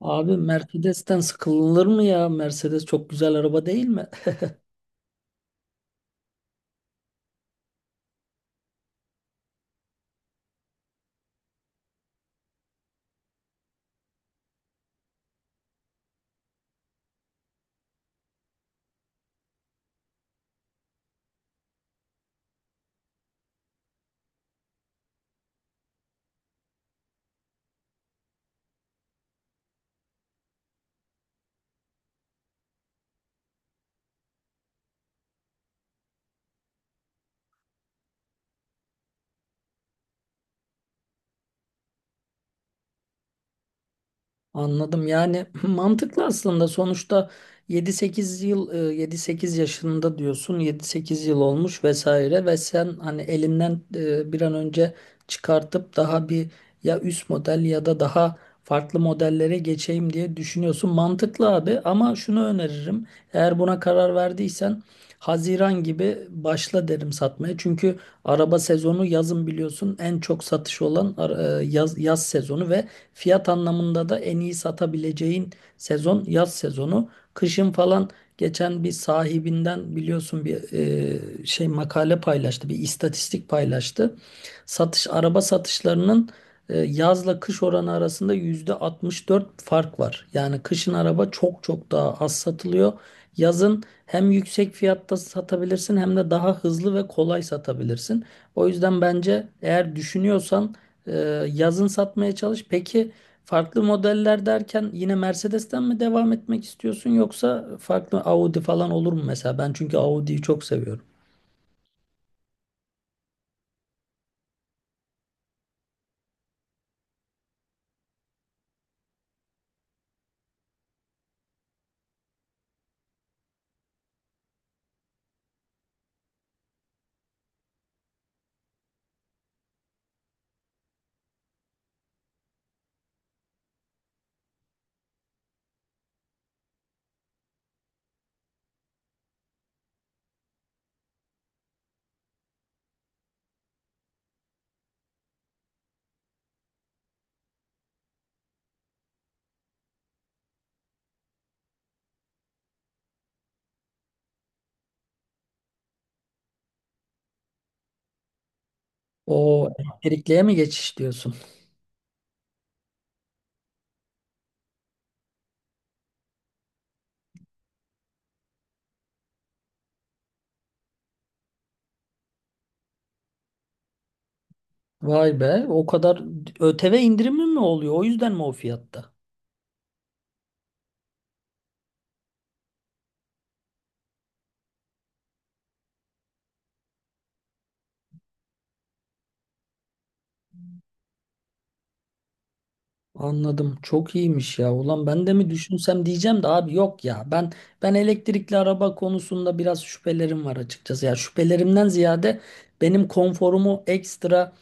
Abi Mercedes'ten sıkılır mı ya? Mercedes çok güzel araba değil mi? Anladım. Yani mantıklı aslında. Sonuçta yedi sekiz yıl, 7-8 yaşında diyorsun. 7-8 yıl olmuş vesaire ve sen hani elinden bir an önce çıkartıp daha bir, ya üst model ya da daha farklı modellere geçeyim diye düşünüyorsun. Mantıklı abi, ama şunu öneririm. Eğer buna karar verdiysen Haziran gibi başla derim satmaya. Çünkü araba sezonu yazın, biliyorsun, en çok satış olan yaz sezonu ve fiyat anlamında da en iyi satabileceğin sezon yaz sezonu. Kışın falan geçen bir sahibinden biliyorsun, bir şey makale paylaştı, bir istatistik paylaştı. Araba satışlarının yazla kış oranı arasında %64 fark var. Yani kışın araba çok çok daha az satılıyor. Yazın hem yüksek fiyatta satabilirsin, hem de daha hızlı ve kolay satabilirsin. O yüzden bence, eğer düşünüyorsan, ee, yazın satmaya çalış. Peki, farklı modeller derken yine Mercedes'ten mi devam etmek istiyorsun, yoksa farklı Audi falan olur mu mesela? Ben çünkü Audi'yi çok seviyorum. O elektrikliye mi geçiş diyorsun? Vay be, o kadar ÖTV indirimi mi oluyor? O yüzden mi o fiyatta? Anladım. Çok iyiymiş ya. Ulan ben de mi düşünsem diyeceğim de, abi yok ya. Ben elektrikli araba konusunda biraz şüphelerim var açıkçası. Ya şüphelerimden ziyade benim konforumu ekstra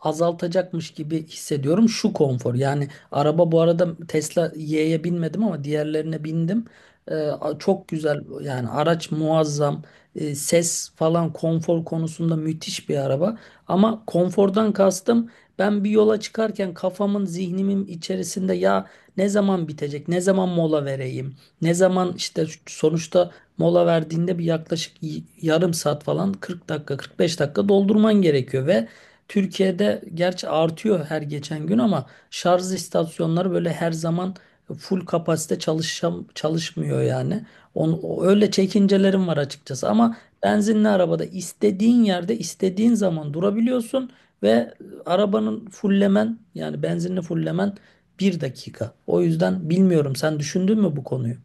azaltacakmış gibi hissediyorum şu konfor. Yani araba, bu arada Tesla Y'ye binmedim ama diğerlerine bindim. Çok güzel yani, araç muazzam. Ses falan konfor konusunda müthiş bir araba. Ama konfordan kastım, ben bir yola çıkarken kafamın, zihnimin içerisinde ya ne zaman bitecek, ne zaman mola vereyim, ne zaman işte sonuçta mola verdiğinde bir yaklaşık yarım saat falan, 40 dakika, 45 dakika doldurman gerekiyor ve Türkiye'de, gerçi artıyor her geçen gün ama, şarj istasyonları böyle her zaman full kapasite çalışmıyor yani. Öyle çekincelerim var açıkçası, ama benzinli arabada istediğin yerde istediğin zaman durabiliyorsun ve arabanın fullemen, yani benzinli fullemen, bir dakika. O yüzden bilmiyorum, sen düşündün mü bu konuyu?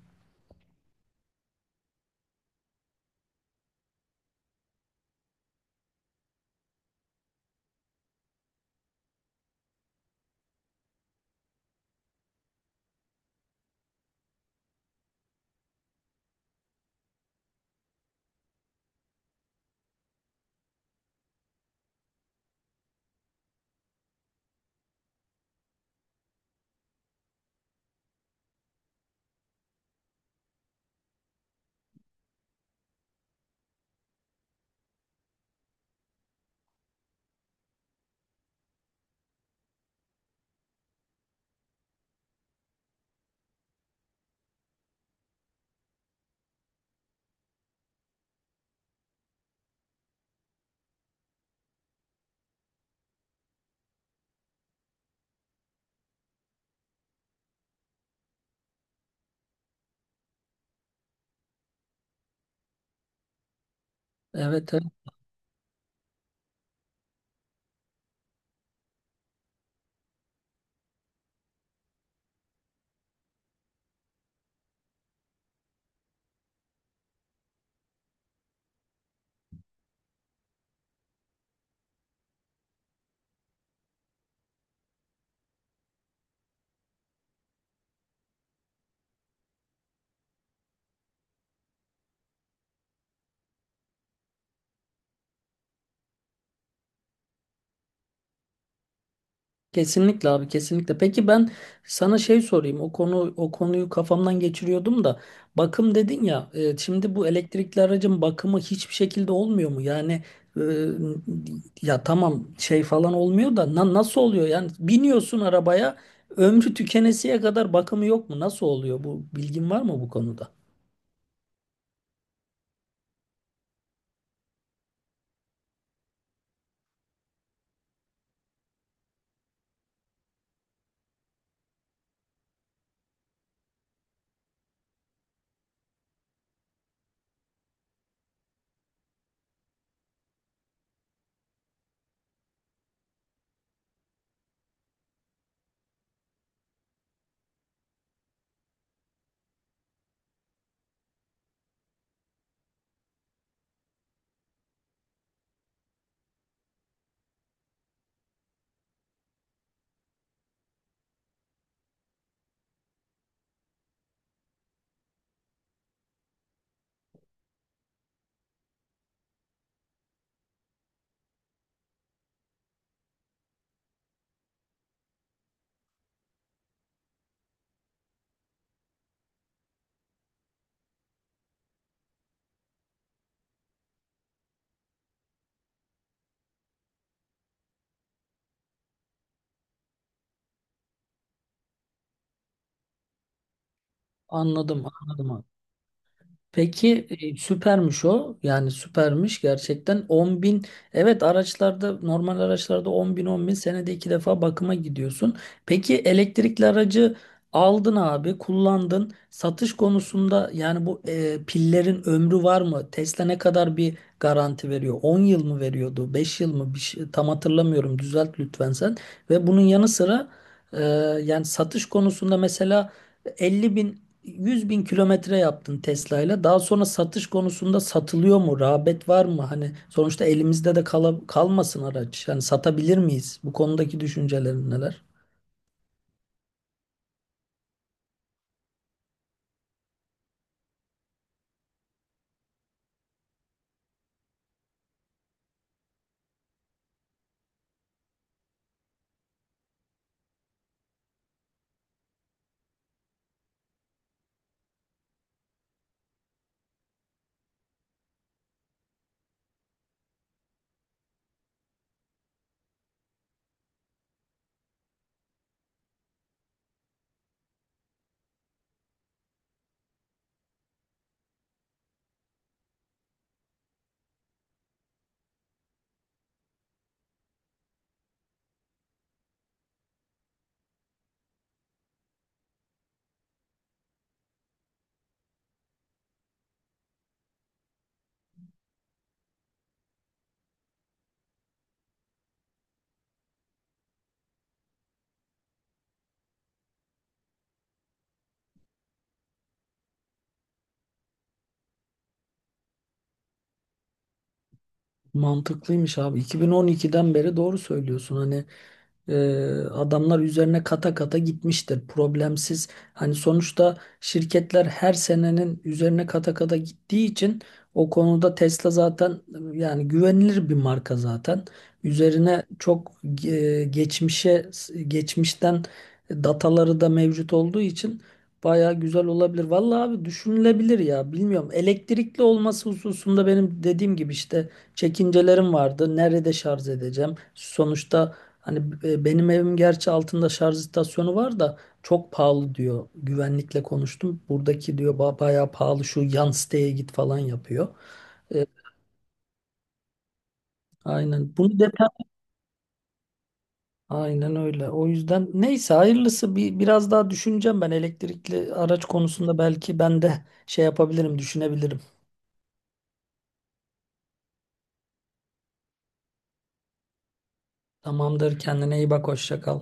Evet. Kesinlikle abi, kesinlikle. Peki, ben sana şey sorayım. O konu, o konuyu kafamdan geçiriyordum da bakım dedin ya. Şimdi bu elektrikli aracın bakımı hiçbir şekilde olmuyor mu? Yani e, ya tamam, şey falan olmuyor da nasıl oluyor? Yani biniyorsun arabaya, ömrü tükenesiye kadar bakımı yok mu? Nasıl oluyor bu? Bilgin var mı bu konuda? Anladım, anladım. Peki, süpermiş o. Yani süpermiş gerçekten, 10 bin. Evet, araçlarda, normal araçlarda 10 bin senede iki defa bakıma gidiyorsun. Peki, elektrikli aracı aldın abi, kullandın. Satış konusunda yani bu pillerin ömrü var mı? Tesla ne kadar bir garanti veriyor? 10 yıl mı veriyordu? 5 yıl mı? Bir şey, tam hatırlamıyorum. Düzelt lütfen sen. Ve bunun yanı sıra e, yani satış konusunda mesela 50 bin, 100 bin kilometre yaptın Tesla'yla. Daha sonra satış konusunda satılıyor mu? Rağbet var mı? Hani sonuçta elimizde de kalmasın araç. Yani satabilir miyiz? Bu konudaki düşüncelerin neler? Mantıklıymış abi. 2012'den beri doğru söylüyorsun. Hani e, adamlar üzerine kata kata gitmiştir. Problemsiz. Hani sonuçta şirketler her senenin üzerine kata kata gittiği için o konuda Tesla zaten yani güvenilir bir marka zaten. Üzerine çok e, geçmişe geçmişten dataları da mevcut olduğu için baya güzel olabilir. Vallahi abi, düşünülebilir ya. Bilmiyorum. Elektrikli olması hususunda benim dediğim gibi işte çekincelerim vardı. Nerede şarj edeceğim? Sonuçta hani benim evim, gerçi altında şarj istasyonu var da çok pahalı diyor. Güvenlikle konuştum. Buradaki diyor, bayağı pahalı, şu yan siteye git", falan yapıyor. E, aynen. Bunu detay Aynen öyle. O yüzden neyse hayırlısı, bir biraz daha düşüneceğim ben elektrikli araç konusunda, belki ben de şey yapabilirim, düşünebilirim. Tamamdır. Kendine iyi bak. Hoşça kal.